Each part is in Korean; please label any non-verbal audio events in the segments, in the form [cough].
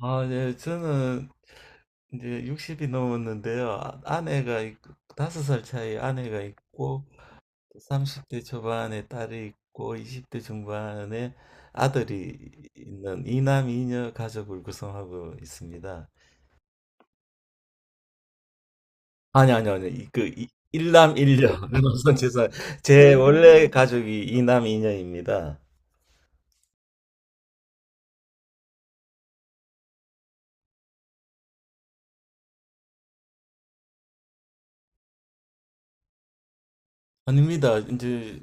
아, 네, 저는 이제 60이 넘었는데요. 아내가 있고, 5살 차이 아내가 있고, 30대 초반에 딸이 있고, 20대 중반에 아들이 있는 이남 이녀 가족을 구성하고 있습니다. 아니, 아니, 아니, 일남 일녀. [laughs] 죄송합니다. 제 원래 가족이 이남 이녀입니다. 아닙니다. 이제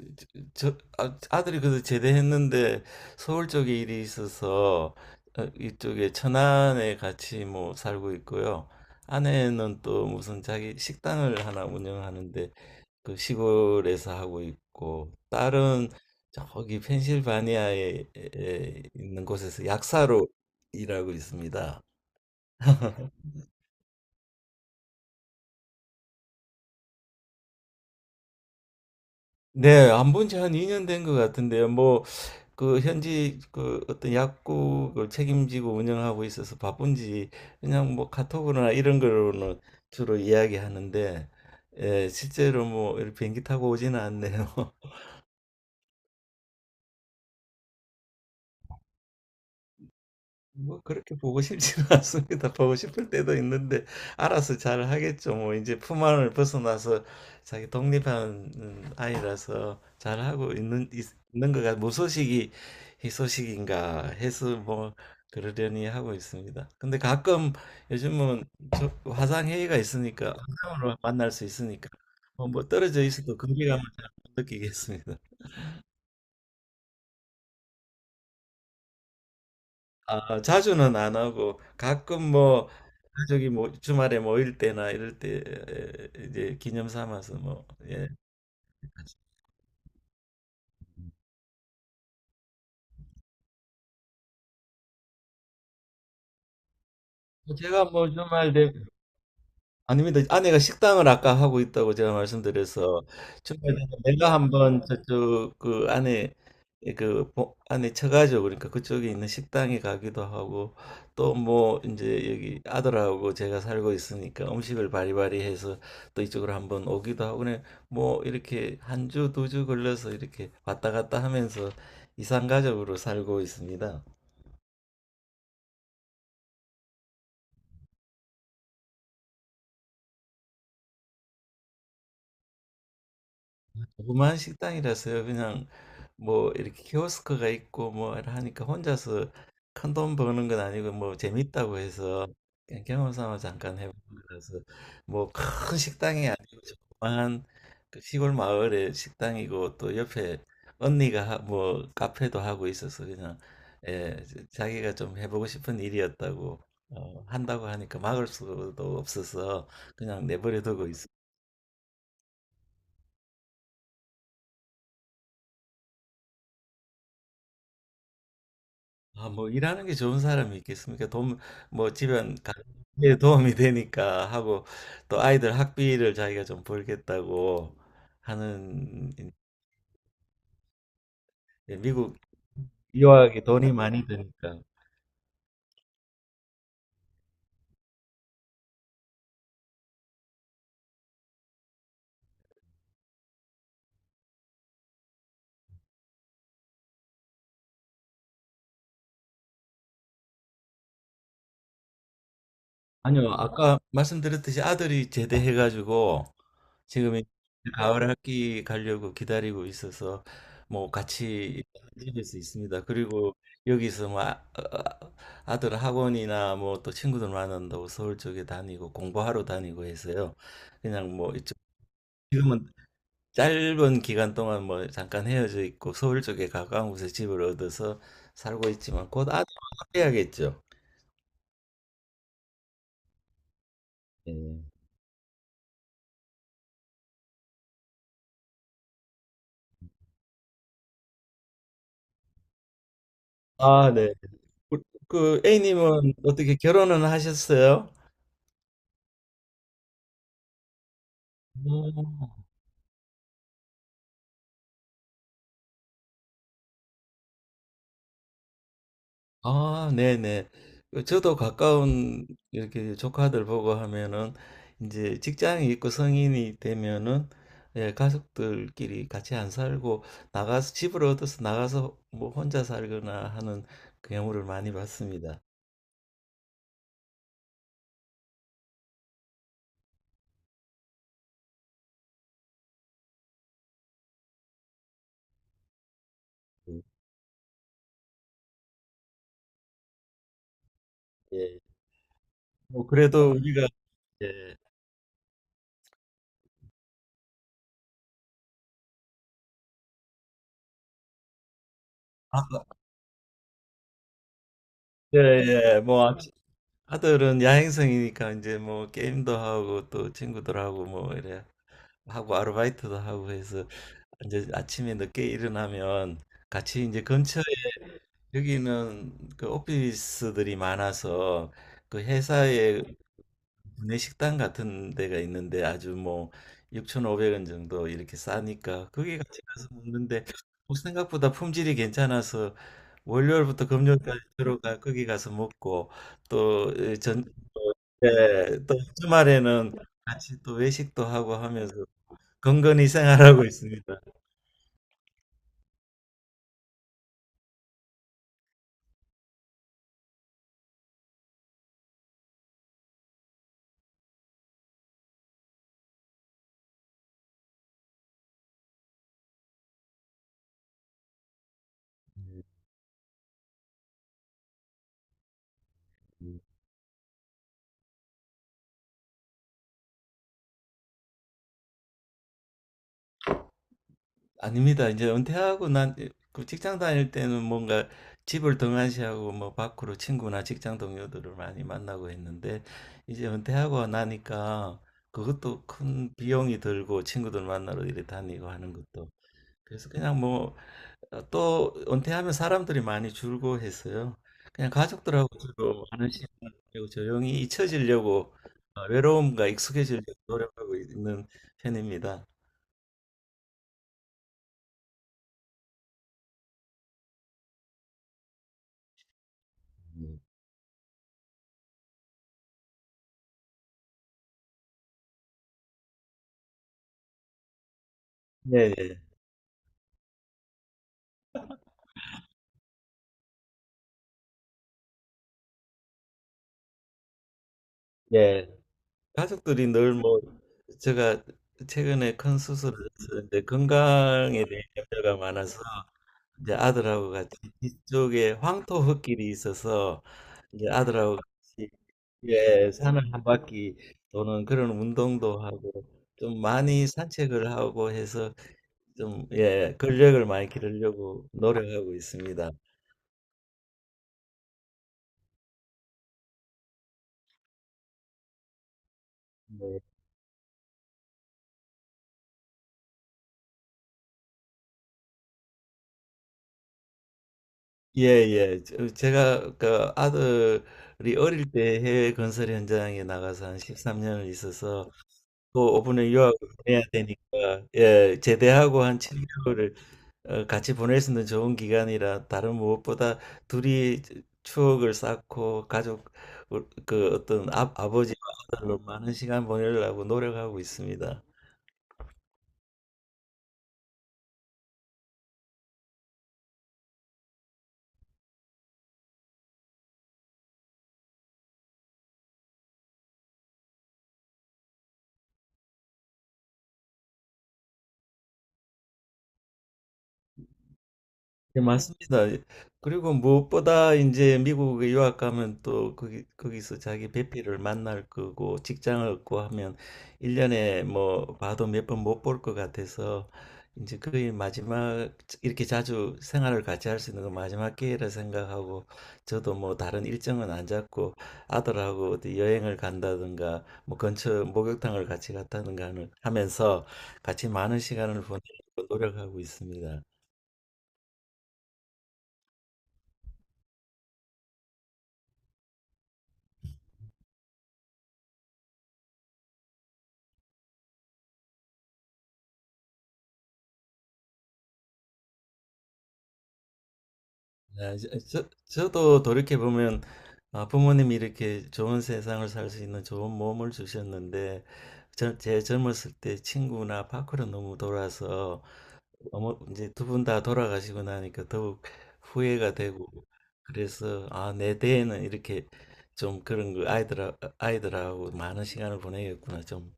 아들이 그래도 제대했는데 서울 쪽에 일이 있어서 어, 이쪽에 천안에 같이 뭐 살고 있고요. 아내는 또 무슨 자기 식당을 하나 운영하는데 그 시골에서 하고 있고 딸은 저기 펜실바니아에 에 있는 곳에서 약사로 일하고 있습니다. [laughs] 네. 안 본지 한 2년 된 것 같은데요. 뭐 그 현지 그 어떤 약국을 책임지고 운영하고 있어서 바쁜지 그냥 뭐 카톡으로나 이런 걸로는 주로 이야기하는데 예, 실제로 뭐 이렇게 비행기 타고 오지는 않네요. 뭐 그렇게 보고 싶지는 [laughs] 않습니다. 보고 싶을 때도 있는데 알아서 잘 하겠죠. 뭐 이제 품 안을 벗어나서 자기 독립한 아이라서 잘 하고 있는 있는 거가 무소식이 희소식인가 해서 뭐 그러려니 하고 있습니다. 근데 가끔 요즘은 저 화상 회의가 있으니까 화상으로 만날 수 있으니까 뭐 떨어져 있어도 거리감을 잘못 느끼겠습니다. 아, 자주는 안 하고 가끔 뭐 가족이 뭐 주말에 모일 때나 이럴 때 에, 이제 기념 삼아서 뭐 예. 제가 뭐 주말 되 아닙니다. 아내가 식당을 아까 하고 있다고 제가 말씀드려서 주말에 내가 한번 저쪽 그 안에 안에 쳐가지고 그러니까 그쪽에 있는 식당에 가기도 하고 또 뭐 이제 여기 아들하고 제가 살고 있으니까 음식을 바리바리 해서 또 이쪽으로 한번 오기도 하고 그냥 뭐 이렇게 한 주 두 주 걸려서 이렇게 왔다 갔다 하면서 이산가족으로 살고 있습니다. 조그만 식당이라서요. 그냥 뭐 이렇게 키오스크가 있고 뭐 이렇게 하니까 혼자서 큰 돈 버는 건 아니고 뭐 재밌다고 해서 그냥 경험 삼아 잠깐 해본 거라서 뭐 큰 식당이 아니고 조그만 그 시골 마을의 식당이고 또 옆에 언니가 뭐 카페도 하고 있어서 그냥 예, 자기가 좀 해보고 싶은 일이었다고 어, 한다고 하니까 막을 수도 없어서 그냥 내버려두고 있어요. 아, 뭐 일하는 게 좋은 사람이 있겠습니까? 돈, 뭐 집안 가에 도움이 되니까 하고 또 아이들 학비를 자기가 좀 벌겠다고 하는 예, 미국 유학이 돈이 많이 드니까. 아니요, 아까 말씀드렸듯이 아들이 제대해가지고 지금 이 가을 학기 가려고 기다리고 있어서 뭐 같이 다닐 수 있습니다. 그리고 여기서 뭐 아들 학원이나 뭐 또 친구들 만난다고 서울 쪽에 다니고 공부하러 다니고 해서요. 그냥 뭐 이쪽 지금은 짧은 기간 동안 뭐 잠깐 헤어져 있고 서울 쪽에 가까운 곳에 집을 얻어서 살고 있지만 곧 아들 해야겠죠. 예. 아, 네. 그, 그 A님은 어떻게 결혼은 하셨어요? 오. 아, 네네. 그 저도 가까운 이렇게 조카들 보고 하면은 이제 직장이 있고 성인이 되면은 예, 가족들끼리 같이 안 살고 나가서 집을 얻어서 나가서 뭐 혼자 살거나 하는 그 경우를 많이 봤습니다. 음, 예. 뭐 그래도 우리가 예. 아, 예, 예. 뭐 아들은 야행성이니까 이제 뭐 게임도 하고 또 친구들하고 뭐 이래 하고 아르바이트도 하고 해서 이제 아침에 늦게 일어나면 같이 이제 근처에 여기는 그 오피스들이 많아서 그 회사에 구내식당 같은 데가 있는데 아주 뭐 6,500원 정도 이렇게 싸니까 거기 같이 가서 먹는데 뭐 생각보다 품질이 괜찮아서 월요일부터 금요일까지 들어가 거기 가서 먹고 또 전, 예, 또 주말에는 같이 또 외식도 하고 하면서 건건히 생활하고 있습니다. 음, 음. 아닙니다. 이제 은퇴하고 난 그 직장 다닐 때는 뭔가 집을 등한시하고 뭐 밖으로 친구나 직장 동료들을 많이 만나고 했는데 이제 은퇴하고 나니까 그것도 큰 비용이 들고 친구들 만나러 이래 다니고 하는 것도 그래서 그냥 뭐 어, 또 은퇴하면 사람들이 많이 줄고 해서요. 그냥 가족들하고 주로 하는 시간이고 조용히 잊혀지려고 어, 외로움과 익숙해지려고 노력하고 있는 편입니다. 음. 네, 네. 예. 가족들이 늘 뭐, 제가 최근에 큰 수술을 했는데 건강에 대한 염려가 많아서 이제 아들하고 같이 뒤쪽에 황토 흙길이 있어서 이제 아들하고 같이 예, 산을 한 바퀴 도는 그런 운동도 하고 좀 많이 산책을 하고 해서 좀 예, 근력을 많이 기르려고 노력하고 있습니다. 네. 예, 예. 제가 그 아들이 어릴 때 해외 건설 현장에 나가서 한 13년을 있어서 또 오분에 유학을 보내야 되니까 예, 제대하고 한 7개월을 어, 같이 보낼 수 있는 좋은 기간이라 다른 무엇보다 둘이 추억을 쌓고 가족 그 어떤 아버지와 아들로 많은 시간 보내려고 노력하고 있습니다. 네, 맞습니다. 그리고 무엇보다 이제 미국에 유학 가면 또 거기서 자기 배필을 만날 거고 직장을 얻고 하면 일년에뭐 봐도 몇 번 못 볼 것 같아서 이제 거의 마지막 이렇게 자주 생활을 같이 할 수 있는 건 마지막 기회라 생각하고 저도 뭐 다른 일정은 안 잡고 아들하고 어디 여행을 간다든가 뭐 근처 목욕탕을 같이 갔다든가 하면서 같이 많은 시간을 보내려고 노력하고 있습니다. 네, 도 돌이켜보면 아, 부모님이 이렇게 좋은 세상을 살 수 있는 좋은 몸을 주셨는데 제 젊었을 때 친구나 밖으로 너무 돌아서 어머, 이제 두 분 다 돌아가시고 나니까 더욱 후회가 되고 그래서 아, 내 대에는 이렇게 좀 그런 거 아이들하고 많은 시간을 보내겠구나 좀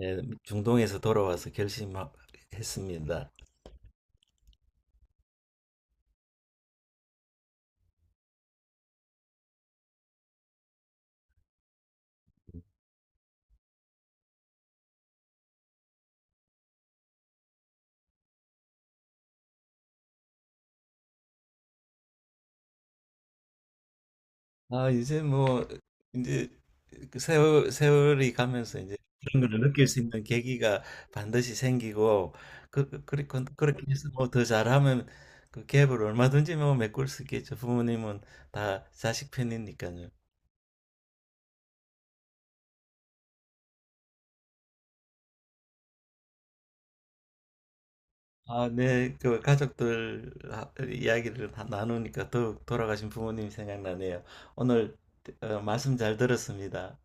예, 중동에서 돌아와서 결심했습니다. 아, 이제 뭐, 이제 그 세월이 가면서 이제 그런 걸 느낄 수 있는 계기가 반드시 생기고, 그렇게 해서 뭐 더 잘하면 그 갭을 얼마든지 뭐 메꿀 수 있겠죠. 부모님은 다 자식 편이니까요. 아, 네, 그 가족들 이야기를 다 나누니까 더욱 돌아가신 부모님이 생각나네요. 오늘 어, 말씀 잘 들었습니다.